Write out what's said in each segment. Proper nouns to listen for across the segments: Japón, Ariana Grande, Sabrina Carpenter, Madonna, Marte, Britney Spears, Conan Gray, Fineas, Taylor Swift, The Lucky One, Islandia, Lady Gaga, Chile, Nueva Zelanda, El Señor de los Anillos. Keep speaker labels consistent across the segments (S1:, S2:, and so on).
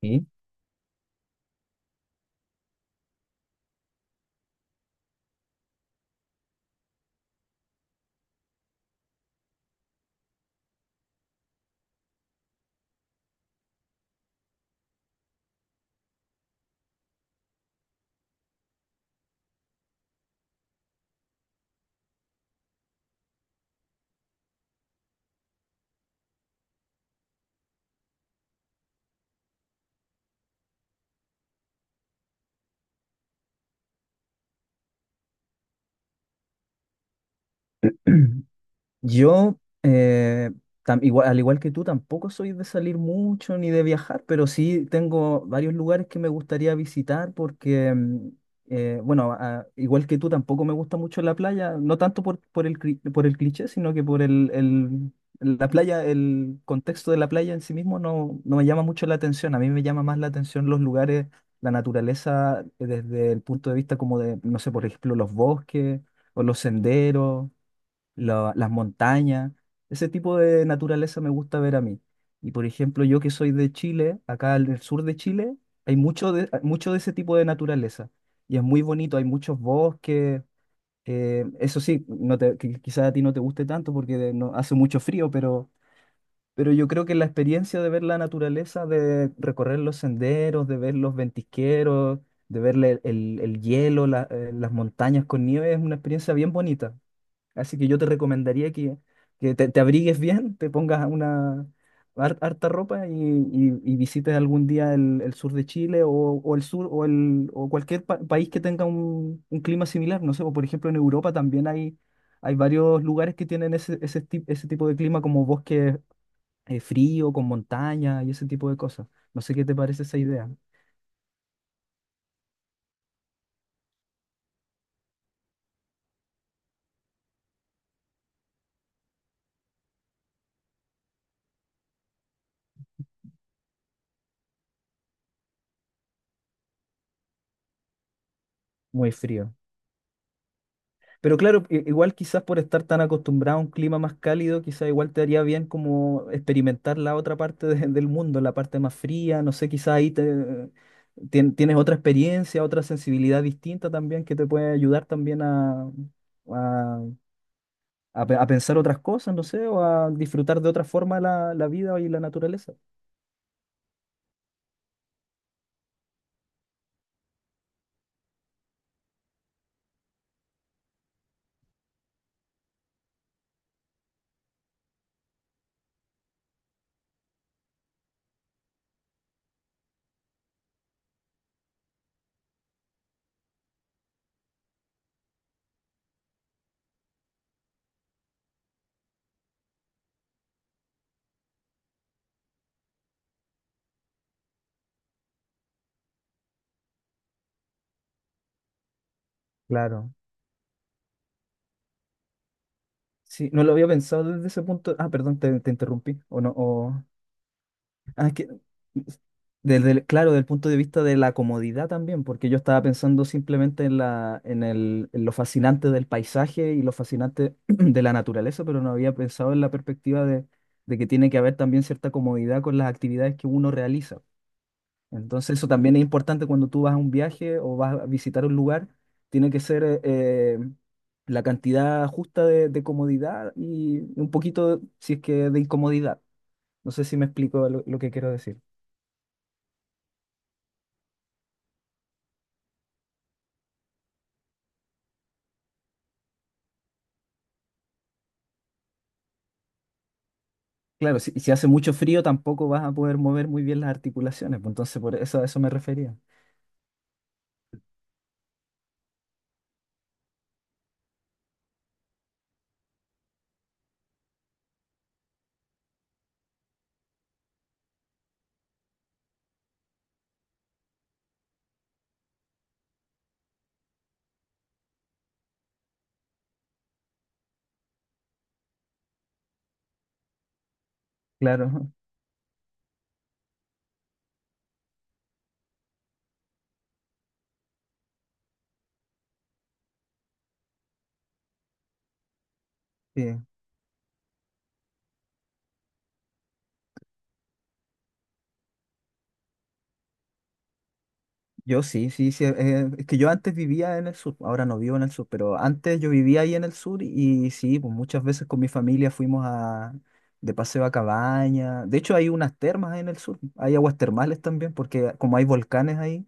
S1: Sí. Yo, eh, igual, al igual que tú, tampoco soy de salir mucho ni de viajar, pero sí tengo varios lugares que me gustaría visitar porque, bueno, igual que tú, tampoco me gusta mucho la playa, no tanto por, por el cliché, sino que la playa, el contexto de la playa en sí mismo no me llama mucho la atención. A mí me llama más la atención los lugares, la naturaleza, desde el punto de vista como de, no sé, por ejemplo, los bosques o los senderos. La- las montañas, ese tipo de naturaleza me gusta ver a mí. Y por ejemplo, yo que soy de Chile, acá en el sur de Chile, hay mucho de ese tipo de naturaleza. Y es muy bonito, hay muchos bosques. Eso sí, no te, quizás a ti no te guste tanto porque no, hace mucho frío, pero yo creo que la experiencia de ver la naturaleza, de recorrer los senderos, de ver los ventisqueros, de ver el hielo, las montañas con nieve, es una experiencia bien bonita. Así que yo te recomendaría que te abrigues bien, te pongas una harta ropa y, y visites algún día el sur de Chile o el sur o, el, o cualquier país que tenga un clima similar. No sé, o por ejemplo en Europa también hay varios lugares que tienen ese, ese, ese tipo de clima como bosque frío, con montaña y ese tipo de cosas. No sé qué te parece esa idea. Muy frío. Pero claro, igual quizás por estar tan acostumbrado a un clima más cálido, quizás igual te haría bien como experimentar la otra parte del mundo, la parte más fría, no sé, quizás ahí te, tienes otra experiencia, otra sensibilidad distinta también que te puede ayudar también a, a pensar otras cosas, no sé, o a disfrutar de otra forma la, la vida y la naturaleza. Claro. Sí, no lo había pensado desde ese punto. Ah, perdón, te interrumpí, o no. Ah, desde claro, del punto de vista de la comodidad también, porque yo estaba pensando simplemente en la, en el, en lo fascinante del paisaje y lo fascinante de la naturaleza, pero no había pensado en la perspectiva de que tiene que haber también cierta comodidad con las actividades que uno realiza. Entonces, eso también es importante cuando tú vas a un viaje o vas a visitar un lugar, tiene que ser la cantidad justa de comodidad y un poquito, si es que, de incomodidad. No sé si me explico lo que quiero decir. Claro, si, si hace mucho frío tampoco vas a poder mover muy bien las articulaciones, pues entonces por eso a eso me refería. Claro, sí. Yo sí, sí, sí. Es que yo antes vivía en el sur, ahora no vivo en el sur, pero antes yo vivía ahí en el sur y, sí, pues muchas veces con mi familia fuimos a, de paseo a cabaña. De hecho, hay unas termas ahí en el sur, hay aguas termales también, porque como hay volcanes ahí,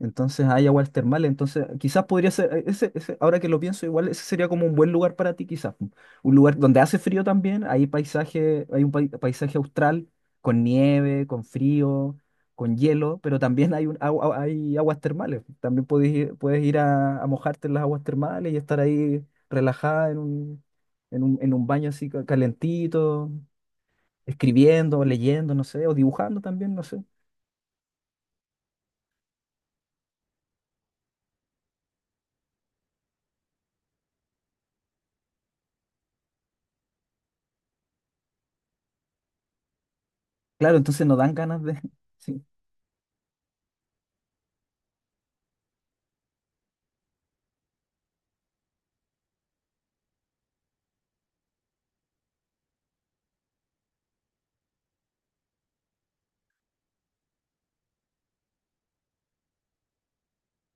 S1: entonces hay aguas termales. Entonces, quizás podría ser, ese, ahora que lo pienso, igual ese sería como un buen lugar para ti, quizás. Un lugar donde hace frío también, hay paisaje, hay un paisaje austral con nieve, con frío con hielo, pero también hay, un, hay aguas termales. También puedes ir a mojarte en las aguas termales y estar ahí relajada en un, en un, en un baño así calentito, escribiendo, leyendo, no sé, o dibujando también, no sé. Claro, entonces nos dan ganas de sí.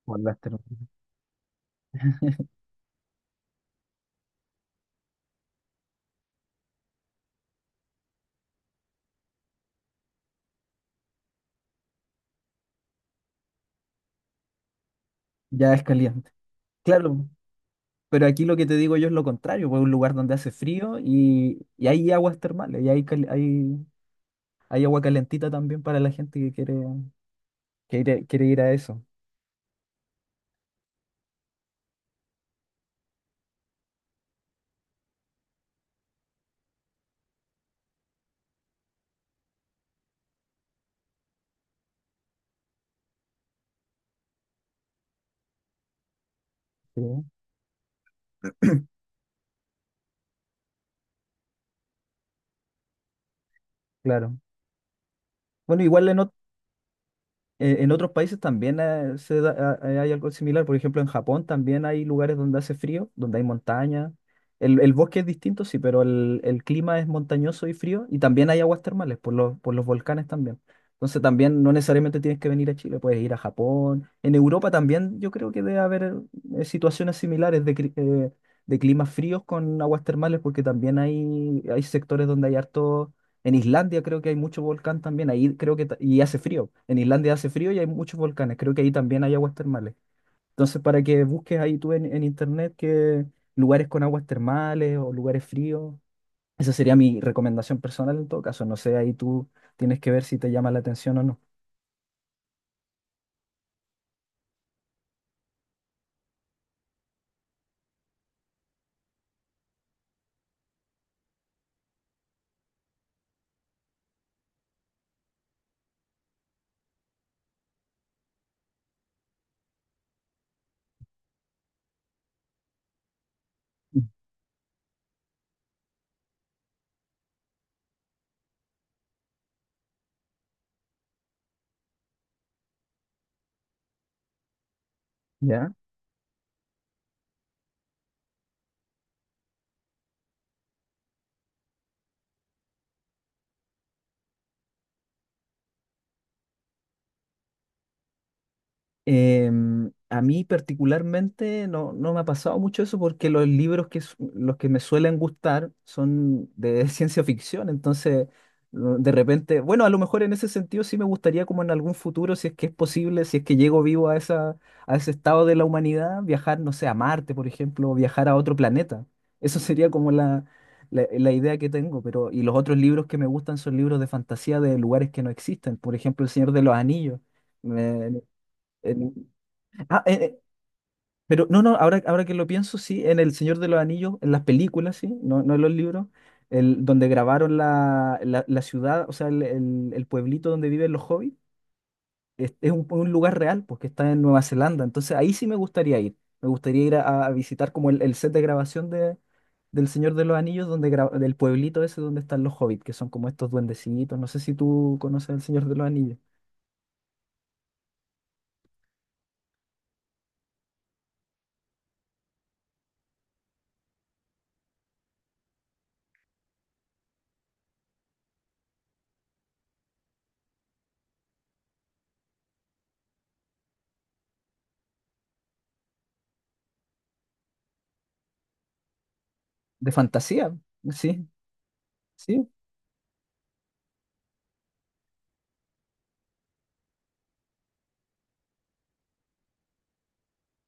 S1: Por las termas. Ya es caliente. Claro, pero aquí lo que te digo yo es lo contrario, pues un lugar donde hace frío y hay aguas termales, y hay, hay, hay agua calentita también para la gente que quiere, quiere ir a eso. Sí, claro. Bueno, igual en, en otros países también hay algo similar. Por ejemplo, en Japón también hay lugares donde hace frío, donde hay montaña. El bosque es distinto, sí, pero el clima es montañoso y frío. Y también hay aguas termales por los volcanes también. Entonces también no necesariamente tienes que venir a Chile, puedes ir a Japón. En Europa también yo creo que debe haber situaciones similares de, de climas fríos con aguas termales porque también hay sectores donde hay harto en Islandia creo que hay mucho volcán también, ahí creo que, y hace frío. En Islandia hace frío y hay muchos volcanes, creo que ahí también hay aguas termales. Entonces, para que busques ahí tú en internet que lugares con aguas termales o lugares fríos, esa sería mi recomendación personal en todo caso. No sé, ahí tú tienes que ver si te llama la atención o no. ¿Ya? Em, a mí particularmente no, no me ha pasado mucho eso porque los libros que, los que me suelen gustar son de ciencia ficción, entonces de repente, bueno, a lo mejor en ese sentido sí me gustaría como en algún futuro, si es que es posible, si es que llego vivo a esa, a ese estado de la humanidad, viajar, no sé, a Marte, por ejemplo, o viajar a otro planeta. Eso sería como la idea que tengo, pero y los otros libros que me gustan son libros de fantasía de lugares que no existen, por ejemplo, El Señor de los Anillos. Me- en- Ah, eh, eh, pero no, no, ahora, ahora que lo pienso, sí, en El Señor de los Anillos, en las películas, sí, no, no en los libros, el, donde grabaron la, la, la ciudad, o sea, el pueblito donde viven los hobbits, es un lugar real, porque está en Nueva Zelanda, entonces ahí sí me gustaría ir a visitar como el set de grabación de, del Señor de los Anillos, donde del pueblito ese donde están los hobbits, que son como estos duendecitos, no sé si tú conoces El Señor de los Anillos, de fantasía, sí, sí,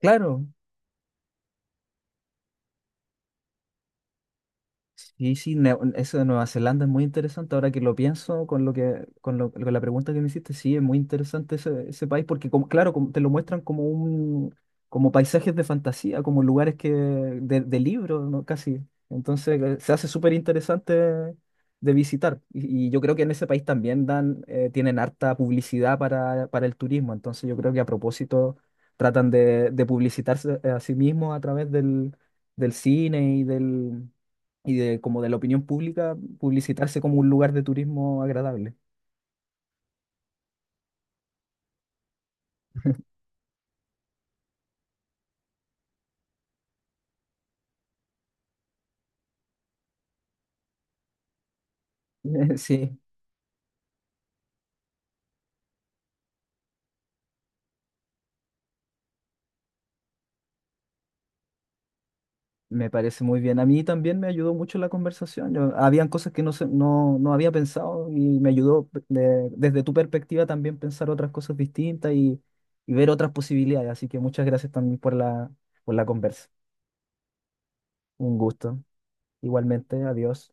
S1: claro. Sí, sí, eso de Nueva Zelanda es muy interesante. Ahora que lo pienso con lo que, con con la pregunta que me hiciste, sí, es muy interesante ese, ese país, porque como, claro, como te lo muestran como un, como paisajes de fantasía, como lugares que, de libro, ¿no? Casi. Entonces, se hace súper interesante de visitar. Y yo creo que en ese país también dan, tienen harta publicidad para el turismo. Entonces, yo creo que a propósito tratan de publicitarse a sí mismos a través del, del cine y del y de como de la opinión pública, publicitarse como un lugar de turismo agradable. Sí, me parece muy bien. A mí también me ayudó mucho la conversación. Habían cosas que no, no, no había pensado y me ayudó desde tu perspectiva también pensar otras cosas distintas y ver otras posibilidades. Así que muchas gracias también por la conversa. Un gusto. Igualmente, adiós.